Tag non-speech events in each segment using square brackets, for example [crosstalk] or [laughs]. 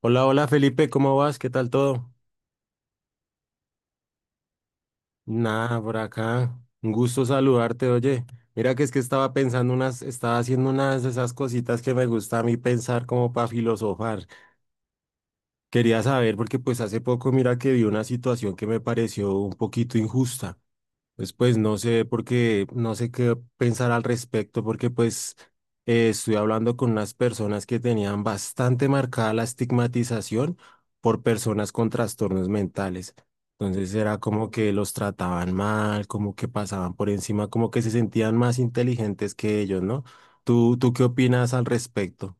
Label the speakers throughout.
Speaker 1: Hola, hola Felipe, ¿cómo vas? ¿Qué tal todo? Nada, por acá. Un gusto saludarte, oye. Mira que es que estaba pensando unas, estaba haciendo unas de esas cositas que me gusta a mí pensar como para filosofar. Quería saber porque pues hace poco mira que vi una situación que me pareció un poquito injusta. Pues, no sé porque no sé qué pensar al respecto, porque pues estuve hablando con unas personas que tenían bastante marcada la estigmatización por personas con trastornos mentales. Entonces era como que los trataban mal, como que pasaban por encima, como que se sentían más inteligentes que ellos, ¿no? ¿Tú ¿qué opinas al respecto?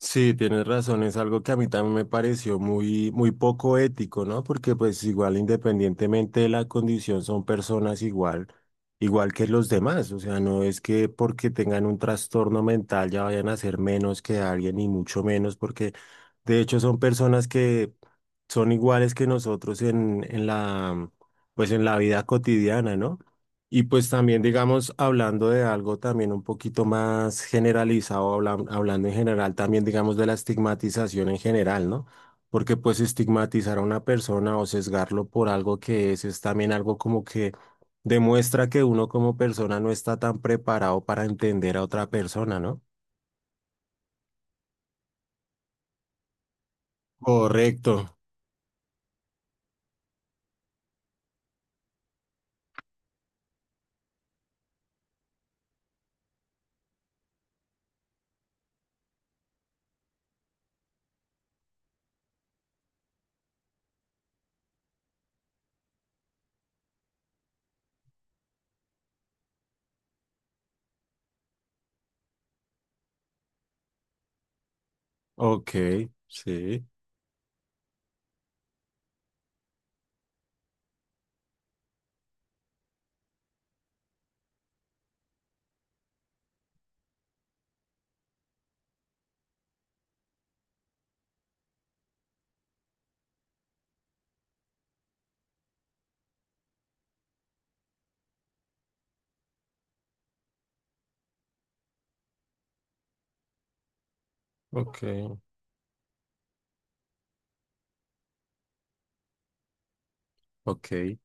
Speaker 1: Sí, tienes razón, es algo que a mí también me pareció muy, muy poco ético, ¿no? Porque pues igual independientemente de la condición son personas igual, igual que los demás, o sea, no es que porque tengan un trastorno mental ya vayan a ser menos que alguien y mucho menos porque de hecho son personas que son iguales que nosotros en la, pues en la vida cotidiana, ¿no? Y pues también, digamos, hablando de algo también un poquito más generalizado, hablando en general también, digamos, de la estigmatización en general, ¿no? Porque pues estigmatizar a una persona o sesgarlo por algo que es también algo como que demuestra que uno como persona no está tan preparado para entender a otra persona, ¿no? Correcto. Ok, sí, ok, ok.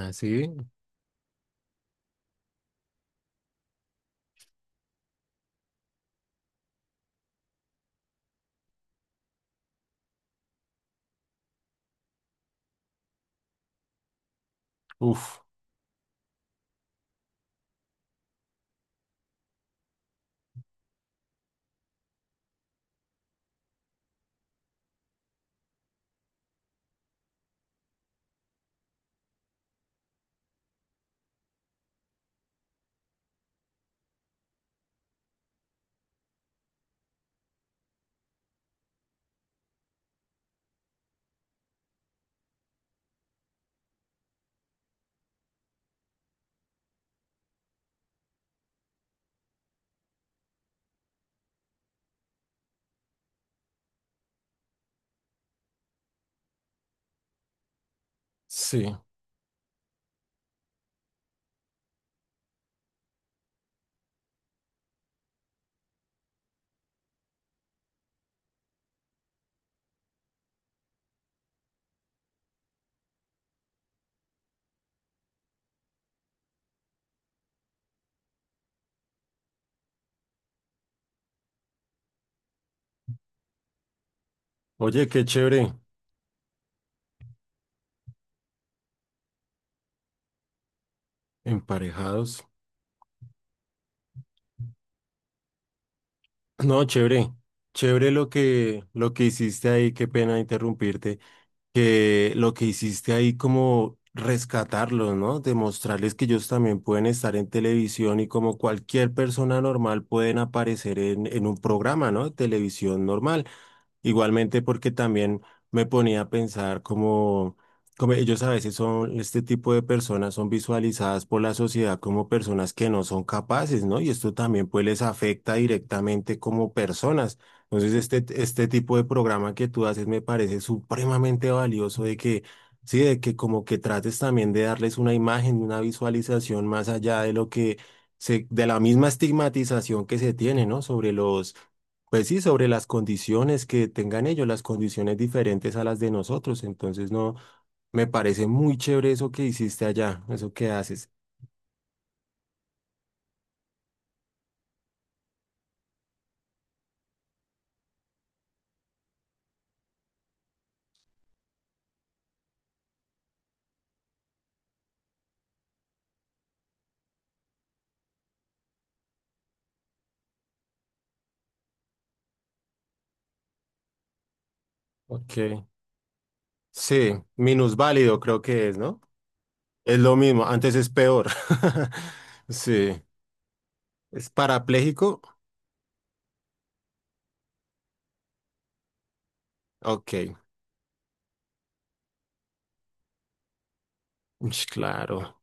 Speaker 1: Así, uf, sí. Oye, qué chévere, emparejados. No, chévere, chévere lo que hiciste ahí, qué pena interrumpirte, que lo que hiciste ahí como rescatarlos, ¿no? Demostrarles que ellos también pueden estar en televisión y como cualquier persona normal pueden aparecer en un programa, ¿no? De televisión normal. Igualmente porque también me ponía a pensar como, como ellos a veces son, este tipo de personas son visualizadas por la sociedad como personas que no son capaces, ¿no? Y esto también pues les afecta directamente como personas. Entonces este tipo de programa que tú haces me parece supremamente valioso de que, sí, de que como que trates también de darles una imagen, una visualización más allá de lo que se, de la misma estigmatización que se tiene, ¿no? Sobre los pues sí, sobre las condiciones que tengan ellos, las condiciones diferentes a las de nosotros. Entonces, no, me parece muy chévere eso que hiciste allá, eso que haces. Ok. Sí, minusválido creo que es, ¿no? Es lo mismo, antes es peor. [laughs] Sí. ¿Es parapléjico? Ok. Ush, claro.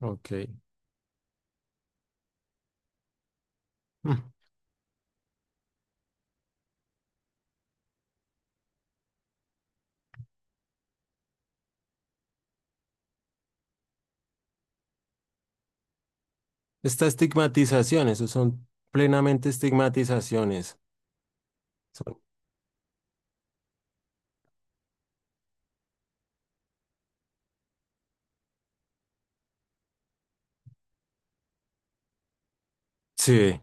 Speaker 1: Ok. Mm. Esta estigmatización, eso son plenamente estigmatizaciones. Son- Sí.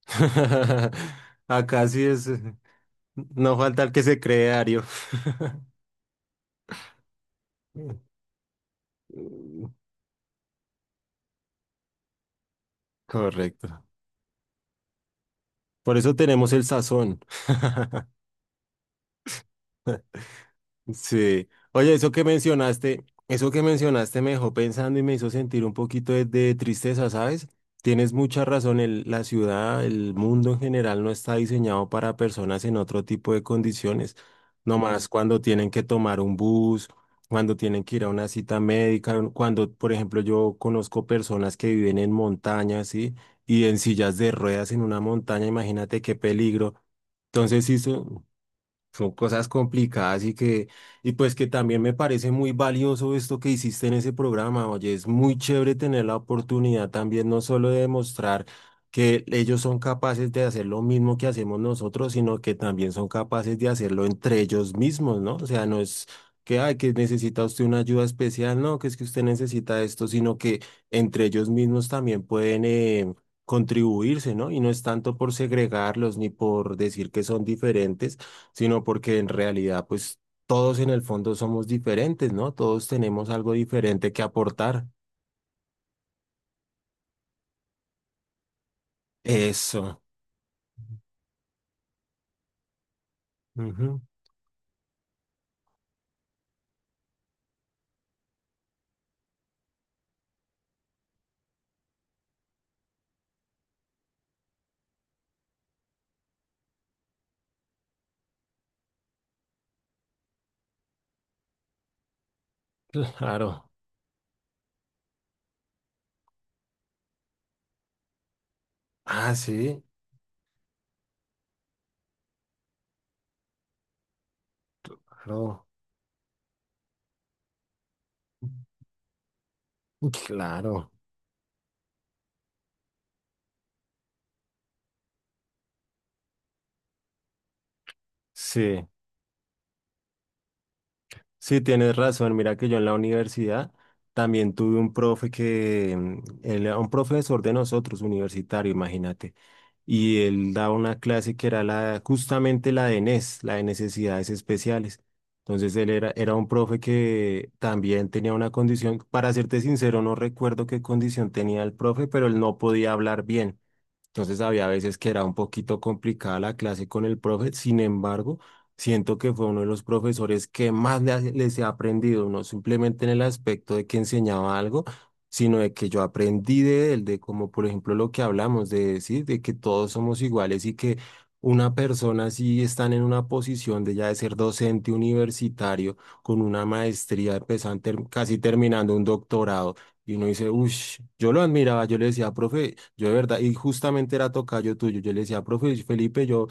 Speaker 1: [laughs] Acá sí es. No falta el que se cree Ario. [laughs] Correcto. Por eso tenemos el sazón. Sí. Oye, eso que mencionaste me dejó pensando y me hizo sentir un poquito de tristeza, ¿sabes? Tienes mucha razón, el- la ciudad, el mundo en general no está diseñado para personas en otro tipo de condiciones, no más cuando tienen que tomar un bus, cuando tienen que ir a una cita médica, cuando, por ejemplo, yo conozco personas que viven en montañas, ¿sí? Y en sillas de ruedas en una montaña, imagínate qué peligro. Entonces, sí, son cosas complicadas y que, y pues que también me parece muy valioso esto que hiciste en ese programa. Oye, es muy chévere tener la oportunidad también no solo de demostrar que ellos son capaces de hacer lo mismo que hacemos nosotros, sino que también son capaces de hacerlo entre ellos mismos, ¿no? O sea, no es que, ay, que necesita usted una ayuda especial, no, que es que usted necesita esto, sino que entre ellos mismos también pueden contribuirse, ¿no? Y no es tanto por segregarlos ni por decir que son diferentes sino porque en realidad, pues todos en el fondo somos diferentes, ¿no? Todos tenemos algo diferente que aportar. Eso. Ujú, [laughs] claro. Ah, sí, claro. [laughs] Claro. Sí, sí, tienes razón. Mira que yo en la universidad también tuve un profe que, mm, él era un profesor de nosotros, universitario, imagínate. Y él daba una clase que era la, justamente la de NES, la de necesidades especiales. Entonces él era, era un profe que también tenía una condición, para serte sincero, no recuerdo qué condición tenía el profe, pero él no podía hablar bien. Entonces había veces que era un poquito complicada la clase con el profe, sin embargo, siento que fue uno de los profesores que más les he aprendido, no simplemente en el aspecto de que enseñaba algo, sino de que yo aprendí de él, de como por ejemplo lo que hablamos, de decir, de que todos somos iguales y que una persona si están en una posición de ya de ser docente universitario, con una maestría, empezando, casi terminando un doctorado. Y uno dice, uff, yo lo admiraba, yo le decía, profe, yo de verdad, y justamente era tocayo tuyo, yo le decía, profe, Felipe, yo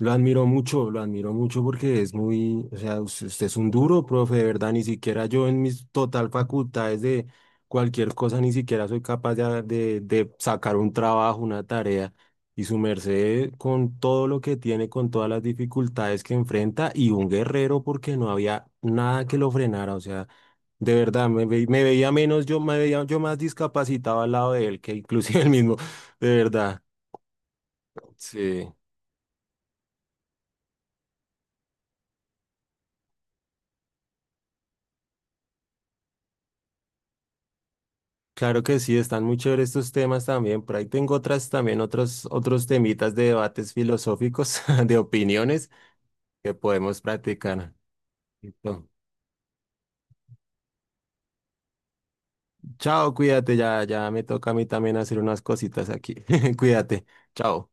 Speaker 1: lo admiro mucho porque es muy, o sea, usted es un duro, profe, de verdad, ni siquiera yo en mis total facultades de cualquier cosa, ni siquiera soy capaz de sacar un trabajo, una tarea. Y su merced con todo lo que tiene, con todas las dificultades que enfrenta, y un guerrero porque no había nada que lo frenara, o sea. De verdad, me veía menos, yo me veía yo más discapacitado al lado de él que inclusive [laughs] el mismo. De verdad. Sí. Claro que sí, están muy chéveres estos temas también. Por ahí tengo otras también, otros, otros temitas de debates filosóficos, [laughs] de opiniones que podemos practicar. Listo. Chao, cuídate, ya, ya me toca a mí también hacer unas cositas aquí. [laughs] Cuídate. Chao.